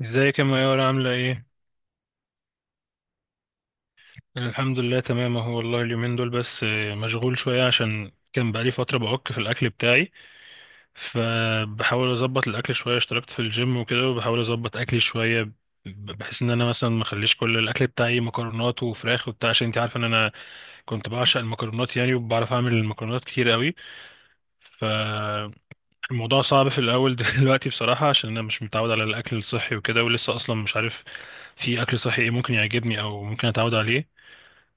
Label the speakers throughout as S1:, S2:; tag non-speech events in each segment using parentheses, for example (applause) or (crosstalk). S1: ازيك يا ميار عاملة ايه؟ الحمد لله تمام اهو والله اليومين دول بس مشغول شوية عشان كان بقالي فترة بعك في الأكل بتاعي، فبحاول أظبط الأكل شوية. اشتركت في الجيم وكده وبحاول أظبط أكلي شوية، بحيث إن أنا مثلا ما أخليش كل الأكل بتاعي مكرونات وفراخ وبتاع، عشان أنت عارفة إن أنا كنت بعشق المكرونات يعني، وبعرف أعمل المكرونات كتير قوي. فالموضوع صعب في الأول. (laughs) دلوقتي بصراحة عشان أنا مش متعود على الأكل الصحي وكده، ولسه أصلا مش عارف في أكل صحي ايه ممكن يعجبني أو ممكن أتعود عليه،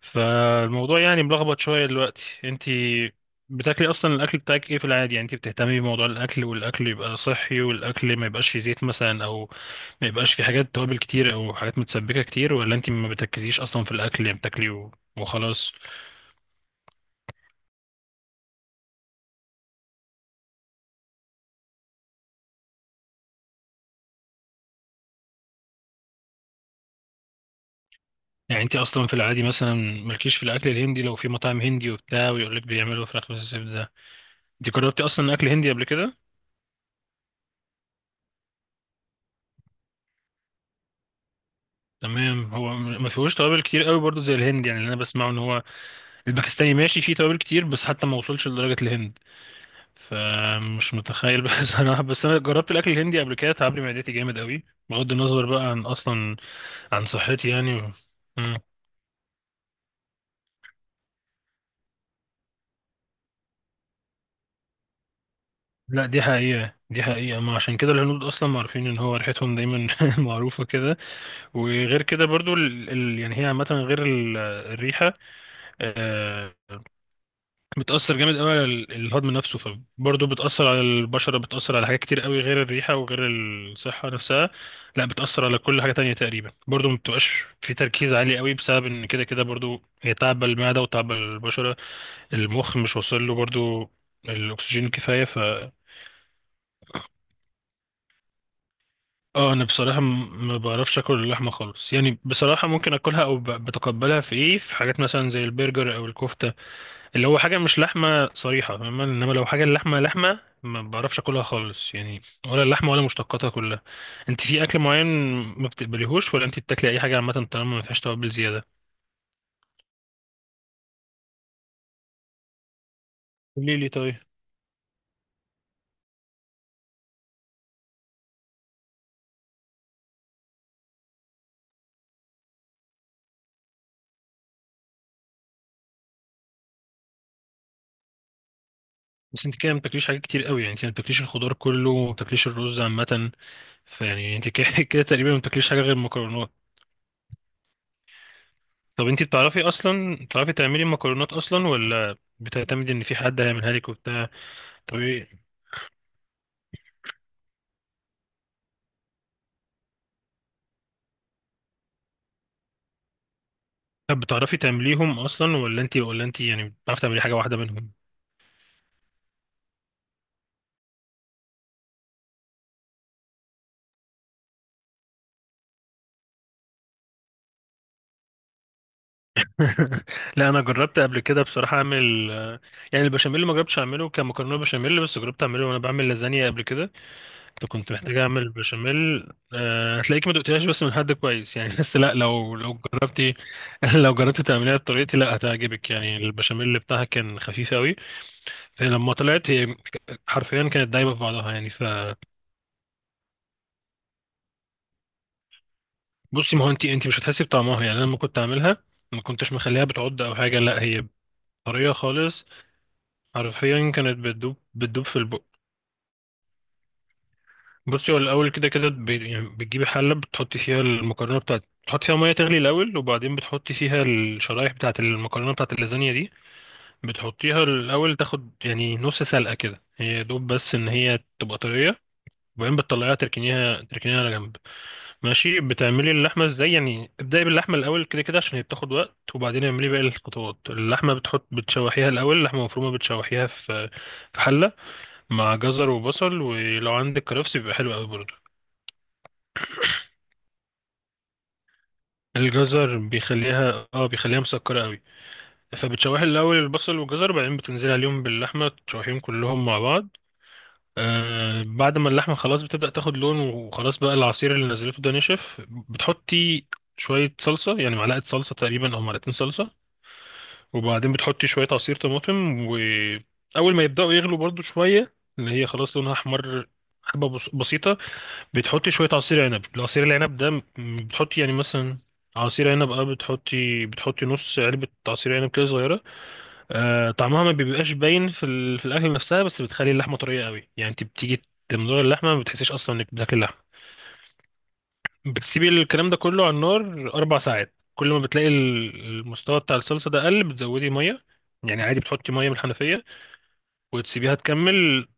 S1: فالموضوع يعني ملخبط شوية دلوقتي. انت بتاكلي اصلا الاكل بتاعك ايه في العادي؟ يعني انت بتهتمي بموضوع الاكل والاكل يبقى صحي والاكل ما يبقاش فيه زيت مثلا، او ما يبقاش فيه حاجات توابل كتير او حاجات متسبكة كتير، ولا انت ما بتركزيش اصلا في الاكل يعني بتاكلي وخلاص؟ يعني انت اصلا في العادي مثلا مالكيش في الاكل الهندي، لو في مطاعم هندي وبتاع ويقول لك بيعملوا فراخ بالزبدة ده، انت جربتي اصلا اكل هندي قبل كده؟ تمام. هو ما فيهوش توابل كتير قوي برضه زي الهند، يعني اللي انا بسمعه ان هو الباكستاني ماشي فيه توابل كتير بس حتى ما وصلش لدرجة الهند، فمش متخيل. (laughs) بس انا جربت الاكل الهندي قبل كده تعبلي معدتي جامد قوي، بغض النظر بقى عن اصلا عن صحتي يعني و... مم. لا، دي حقيقة، دي حقيقة، ما عشان كده الهنود أصلا معروفين إن هو ريحتهم دايما (laughs) معروفة كده. وغير كده برضو ال... ال... يعني هي عامة غير ال... الريحة، آه، بتأثر جامد قوي على الهضم نفسه، فبرضه بتأثر على البشرة، بتأثر على حاجات كتير قوي غير الريحة وغير الصحة نفسها. لا، بتأثر على كل حاجة تانية تقريبا، برضه ما بتبقاش في تركيز عالي قوي بسبب ان كده كده برضه هي تعب المعدة وتعب البشرة. المخ مش واصل له برضه الأكسجين الكفاية. ف اه، أنا بصراحة ما بعرفش آكل اللحمة خالص، يعني بصراحة ممكن آكلها أو بتقبلها في إيه، في حاجات مثلا زي البرجر أو الكفتة، اللي هو حاجة مش لحمة صريحة، فاهمة، انما لو حاجة اللحمة لحمة ما بعرفش اكلها خالص يعني، ولا اللحمة ولا مشتقاتها كلها. انت في اكل معين ما بتقبليهوش، ولا انت بتاكلي اي حاجة عامة طالما ما فيهاش توابل زيادة؟ قولي لي طيب. بس انت كده ما بتاكليش حاجات كتير قوي، يعني انت ما بتاكليش الخضار كله وما بتاكليش الرز عامة، فيعني انت كده (laughs) كده تقريبا ما بتاكليش حاجة غير المكرونات. طب انت بتعرفي اصلا، بتعرفي تعملي مكرونات اصلا، ولا بتعتمدي ان في حد هيعملها لك وبتاع؟ طب ايه، طب بتعرفي تعمليهم اصلا، ولا انت يعني بتعرفي تعملي حاجة واحدة منهم؟ لا، انا جربت قبل كده بصراحه اعمل يعني البشاميل، ما جربتش اعمله كمكرونه بشاميل، بس جربت اعمله وانا بعمل لازانيا قبل كده، كنت محتاج اعمل بشاميل. هتلاقيك ما دقتهاش بس من حد كويس يعني. (laughs) بس لا، لو جربتي (laughs) لو جربتي تعمليها بطريقتي لا هتعجبك، يعني البشاميل بتاعها كان خفيف قوي، فلما طلعت هي حرفيا كانت دايبه في بعضها يعني. فبصي، ما هو انت مش هتحسي بطعمها يعني، انا لما كنت اعملها ما كنتش مخليها بتعض او حاجه، لا هي طريه خالص، حرفيا كانت بتدوب في البق. بصي، هو الاول كده كده يعني بتجيبي حله، بتحطي فيها المكرونه بتاعت، بتحطي فيها ميه تغلي الاول، وبعدين بتحطي فيها الشرايح بتاعت المكرونه بتاعت اللازانيا دي، بتحطيها الاول تاخد يعني نص سلقه كده هي يا دوب، بس ان هي تبقى طريه، وبعدين بتطلعيها تركنيها على جنب. ماشي. بتعملي اللحمه ازاي؟ يعني ابدأي باللحمه الاول كده كده عشان هي بتاخد وقت، وبعدين اعملي باقي الخطوات. اللحمه بتحط بتشوحيها الاول، لحمه مفرومه، بتشوحيها في في حله مع جزر وبصل، ولو عندك كرفس بيبقى حلو قوي برضه. الجزر بيخليها اه، بيخليها مسكرة قوي. فبتشوحي الأول البصل والجزر، بعدين بتنزلي عليهم باللحمة تشوحيهم كلهم مع بعض. آه، بعد ما اللحمة خلاص بتبدأ تاخد لون، وخلاص بقى العصير اللي نزلته ده نشف، بتحطي شوية صلصة، يعني معلقة صلصة تقريبا أو معلقتين صلصة، وبعدين بتحطي شوية عصير طماطم، وأول ما يبدأوا يغلوا برضو شوية اللي هي خلاص لونها أحمر حبة بسيطة، بتحطي شوية عصير عنب. العصير العنب ده بتحطي يعني مثلا عصير عنب، اه، بتحطي نص علبة عصير عنب كده صغيرة. آه، طعمها ما بيبقاش باين في ال... في الأكل نفسها، بس بتخلي اللحمة طرية قوي، يعني انت بتيجي تمضغ اللحمة ما بتحسيش أصلا إنك بتاكلي اللحمة. بتسيبي الكلام ده كله على النار 4 ساعات. كل ما بتلاقي المستوى بتاع الصلصة ده قل، بتزودي مية، يعني عادي بتحطي مية من الحنفية وتسيبيها تكمل.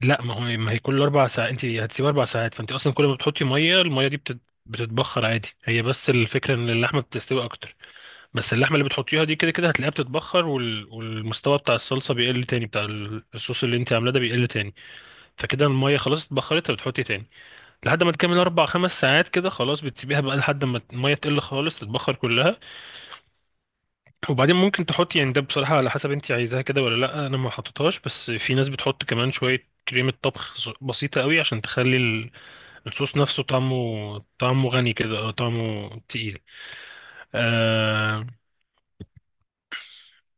S1: لا، ما هو ما هي كل 4 ساعات انت هتسيب 4 ساعات، فانت اصلا كل ما بتحطي ميه الميه دي بتتبخر عادي هي، بس الفكره ان اللحمه بتستوي اكتر. بس اللحمه اللي بتحطيها دي كده كده هتلاقيها بتتبخر وال... والمستوى بتاع الصلصه بيقل تاني، بتاع الصوص اللي انت عاملاه ده بيقل تاني، فكده الميه خلاص اتبخرت، فبتحطي تاني لحد ما تكمل 4 أو 5 ساعات كده. خلاص، بتسيبيها بقى لحد ما الميه تقل خالص تتبخر كلها. وبعدين ممكن تحطي، يعني ده بصراحه على حسب انت عايزاها كده ولا لا، انا ما حطيتهاش، بس في ناس بتحط كمان شويه كريمة طبخ بسيطة قوي عشان تخلي الصوص نفسه طعمه، غني كده، اه طعمه تقيل. آه،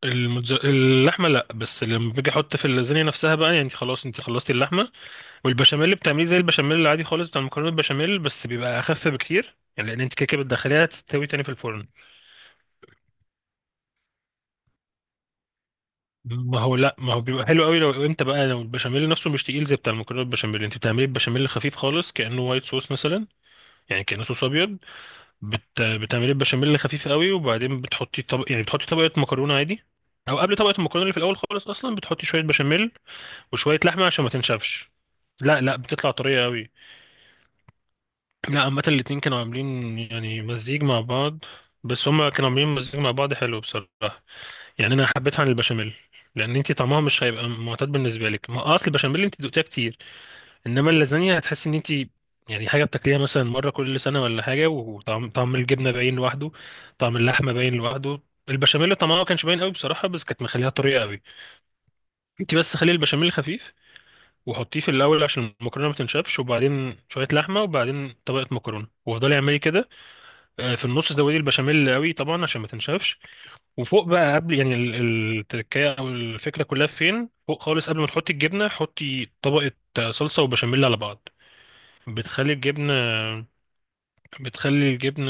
S1: اللحمه لا، بس لما باجي احط في اللازانيا نفسها بقى، يعني خلاص انت خلصتي اللحمه والبشاميل اللي بتعمليه زي البشاميل العادي خالص بتاع المكرونه البشاميل، بس بيبقى اخف بكتير، يعني لان انت كده كده بتدخليها تستوي تاني في الفرن. ما هو لا، ما هو بيبقى حلو قوي لو انت بقى، لو البشاميل نفسه مش تقيل زي بتاع المكرونه البشاميل، انت بتعملي البشاميل خفيف خالص كانه وايت صوص مثلا، يعني كانه صوص ابيض. بتعملي البشاميل خفيف قوي، وبعدين بتحطي طبق، يعني بتحطي طبقة مكرونة عادي، او قبل طبقة المكرونة اللي في الاول خالص اصلا بتحطي شوية بشاميل وشوية لحمة عشان ما تنشفش. لا لا، بتطلع طرية قوي. لا، عامة الاتنين كانوا عاملين يعني مزيج مع بعض، بس هما كانوا عاملين مزيج مع بعض حلو بصراحة. يعني انا حبيتها عن البشاميل، لان انتي طعمها مش هيبقى معتاد بالنسبة لك، ما اصل البشاميل انتي دقتيها كتير، انما اللازانيا هتحس ان انت يعني حاجه بتاكليها مثلا مره كل سنه ولا حاجه، وطعم الجبنه باين لوحده، طعم اللحمه باين لوحده، البشاميل طعمها ما كانش باين قوي بصراحه، بس كانت مخليها طريه قوي. انت بس خلي البشاميل خفيف، وحطيه في الاول عشان المكرونه ما تنشفش، وبعدين شويه لحمه، وبعدين طبقه مكرونه، وافضلي اعملي كده. في النص زودي البشاميل قوي طبعا عشان ما تنشفش. وفوق بقى قبل يعني التركية او الفكره كلها، فين فوق خالص قبل ما تحطي الجبنه حطي طبقه صلصه وبشاميل على بعض، بتخلي الجبن، بتخلي الجبن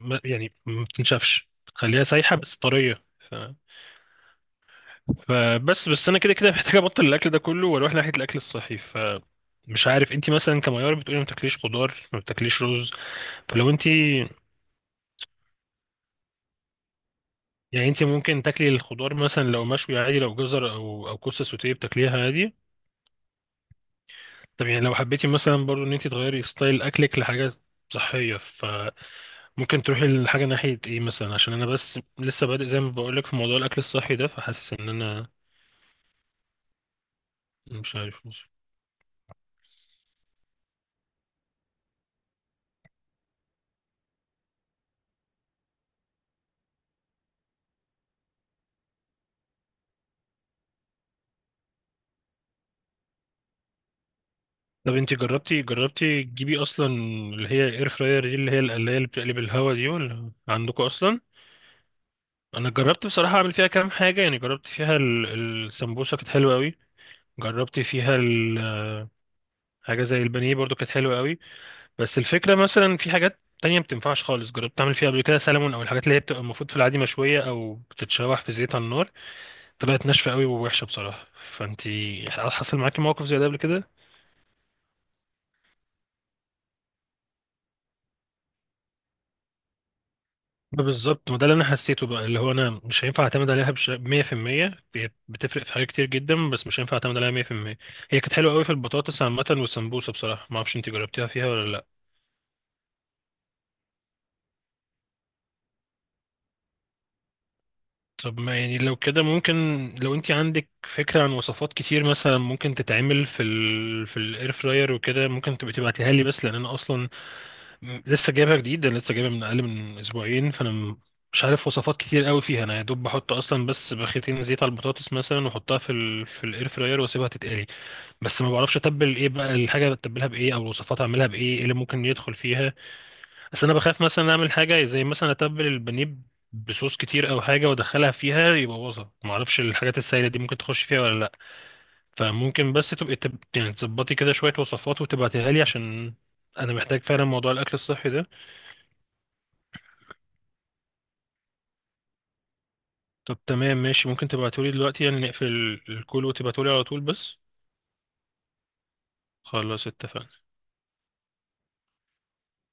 S1: يعني ما بتنشفش، بتخليها سايحة بس طرية فبس انا كده كده محتاج ابطل الاكل ده كله واروح ناحية الاكل الصحي، فمش عارف انت مثلا كميار، بتقولي ما بتاكليش خضار، ما بتاكليش رز، فلو انت يعني انت ممكن تاكلي الخضار مثلا لو مشوي عادي، لو جزر او او كوسه سوتيه بتاكليها عادي. طب يعني لو حبيتي مثلا برضو ان انت تغيري ستايل اكلك لحاجه صحيه، ممكن تروحي لحاجة ناحية ايه مثلا؟ عشان انا بس لسه بادئ زي ما بقولك في موضوع الاكل الصحي ده، فحاسس ان انا مش عارف مش. طب انتي جربتي، تجيبي اصلا اللي هي الاير فراير دي، اللي هي القلاية اللي بتقلب الهوا دي، ولا عندكم اصلا؟ انا جربت بصراحة اعمل فيها كام حاجة، يعني جربت فيها السمبوسة كانت حلوة قوي، جربت فيها حاجة زي البانيه برضو كانت حلوة قوي. بس الفكرة مثلا في حاجات تانية ما بتنفعش خالص، جربت اعمل فيها قبل كده سلمون، او الحاجات اللي هي بتبقى المفروض في العادي مشوية او بتتشوح في زيت على النار، طلعت ناشفة قوي ووحشة بصراحة. فانتي حصل معاكي موقف زي ده قبل كده؟ ما بالظبط، ما ده اللي انا حسيته بقى، اللي هو انا مش هينفع اعتمد عليها 100%، هي بتفرق في حاجات كتير جدا بس مش هينفع اعتمد عليها 100%. هي كانت حلوه قوي في البطاطس عامه والسمبوسه بصراحه. ما اعرفش انت جربتيها فيها ولا لا. طب ما يعني لو كده ممكن، لو انت عندك فكره عن وصفات كتير مثلا ممكن تتعمل في ال... في الاير فراير وكده، ممكن تبقى تبعتيها لي؟ بس لان انا اصلا لسه جايبها جديد، انا لسه جايبها من اقل من اسبوعين، فانا مش عارف وصفات كتير قوي فيها، انا يا دوب بحط اصلا بس بخيتين زيت على البطاطس مثلا واحطها في ال... في الاير فراير واسيبها تتقلي. بس ما بعرفش اتبل ايه بقى الحاجه، اتبلها بايه، او الوصفات اعملها بايه، ايه اللي ممكن يدخل فيها. بس انا بخاف مثلا اعمل حاجه زي مثلا اتبل البانيه بصوص كتير او حاجه وادخلها فيها يبوظها، ما اعرفش الحاجات السائله دي ممكن تخش فيها ولا لا. فممكن بس تبقي يعني تظبطي كده شويه وصفات وتبعتيها لي عشان انا محتاج فعلا موضوع الاكل الصحي ده. طب تمام، ماشي، ممكن تبعتولي دلوقتي يعني، نقفل الكول وتبعتولي على طول بس. خلاص، اتفقنا.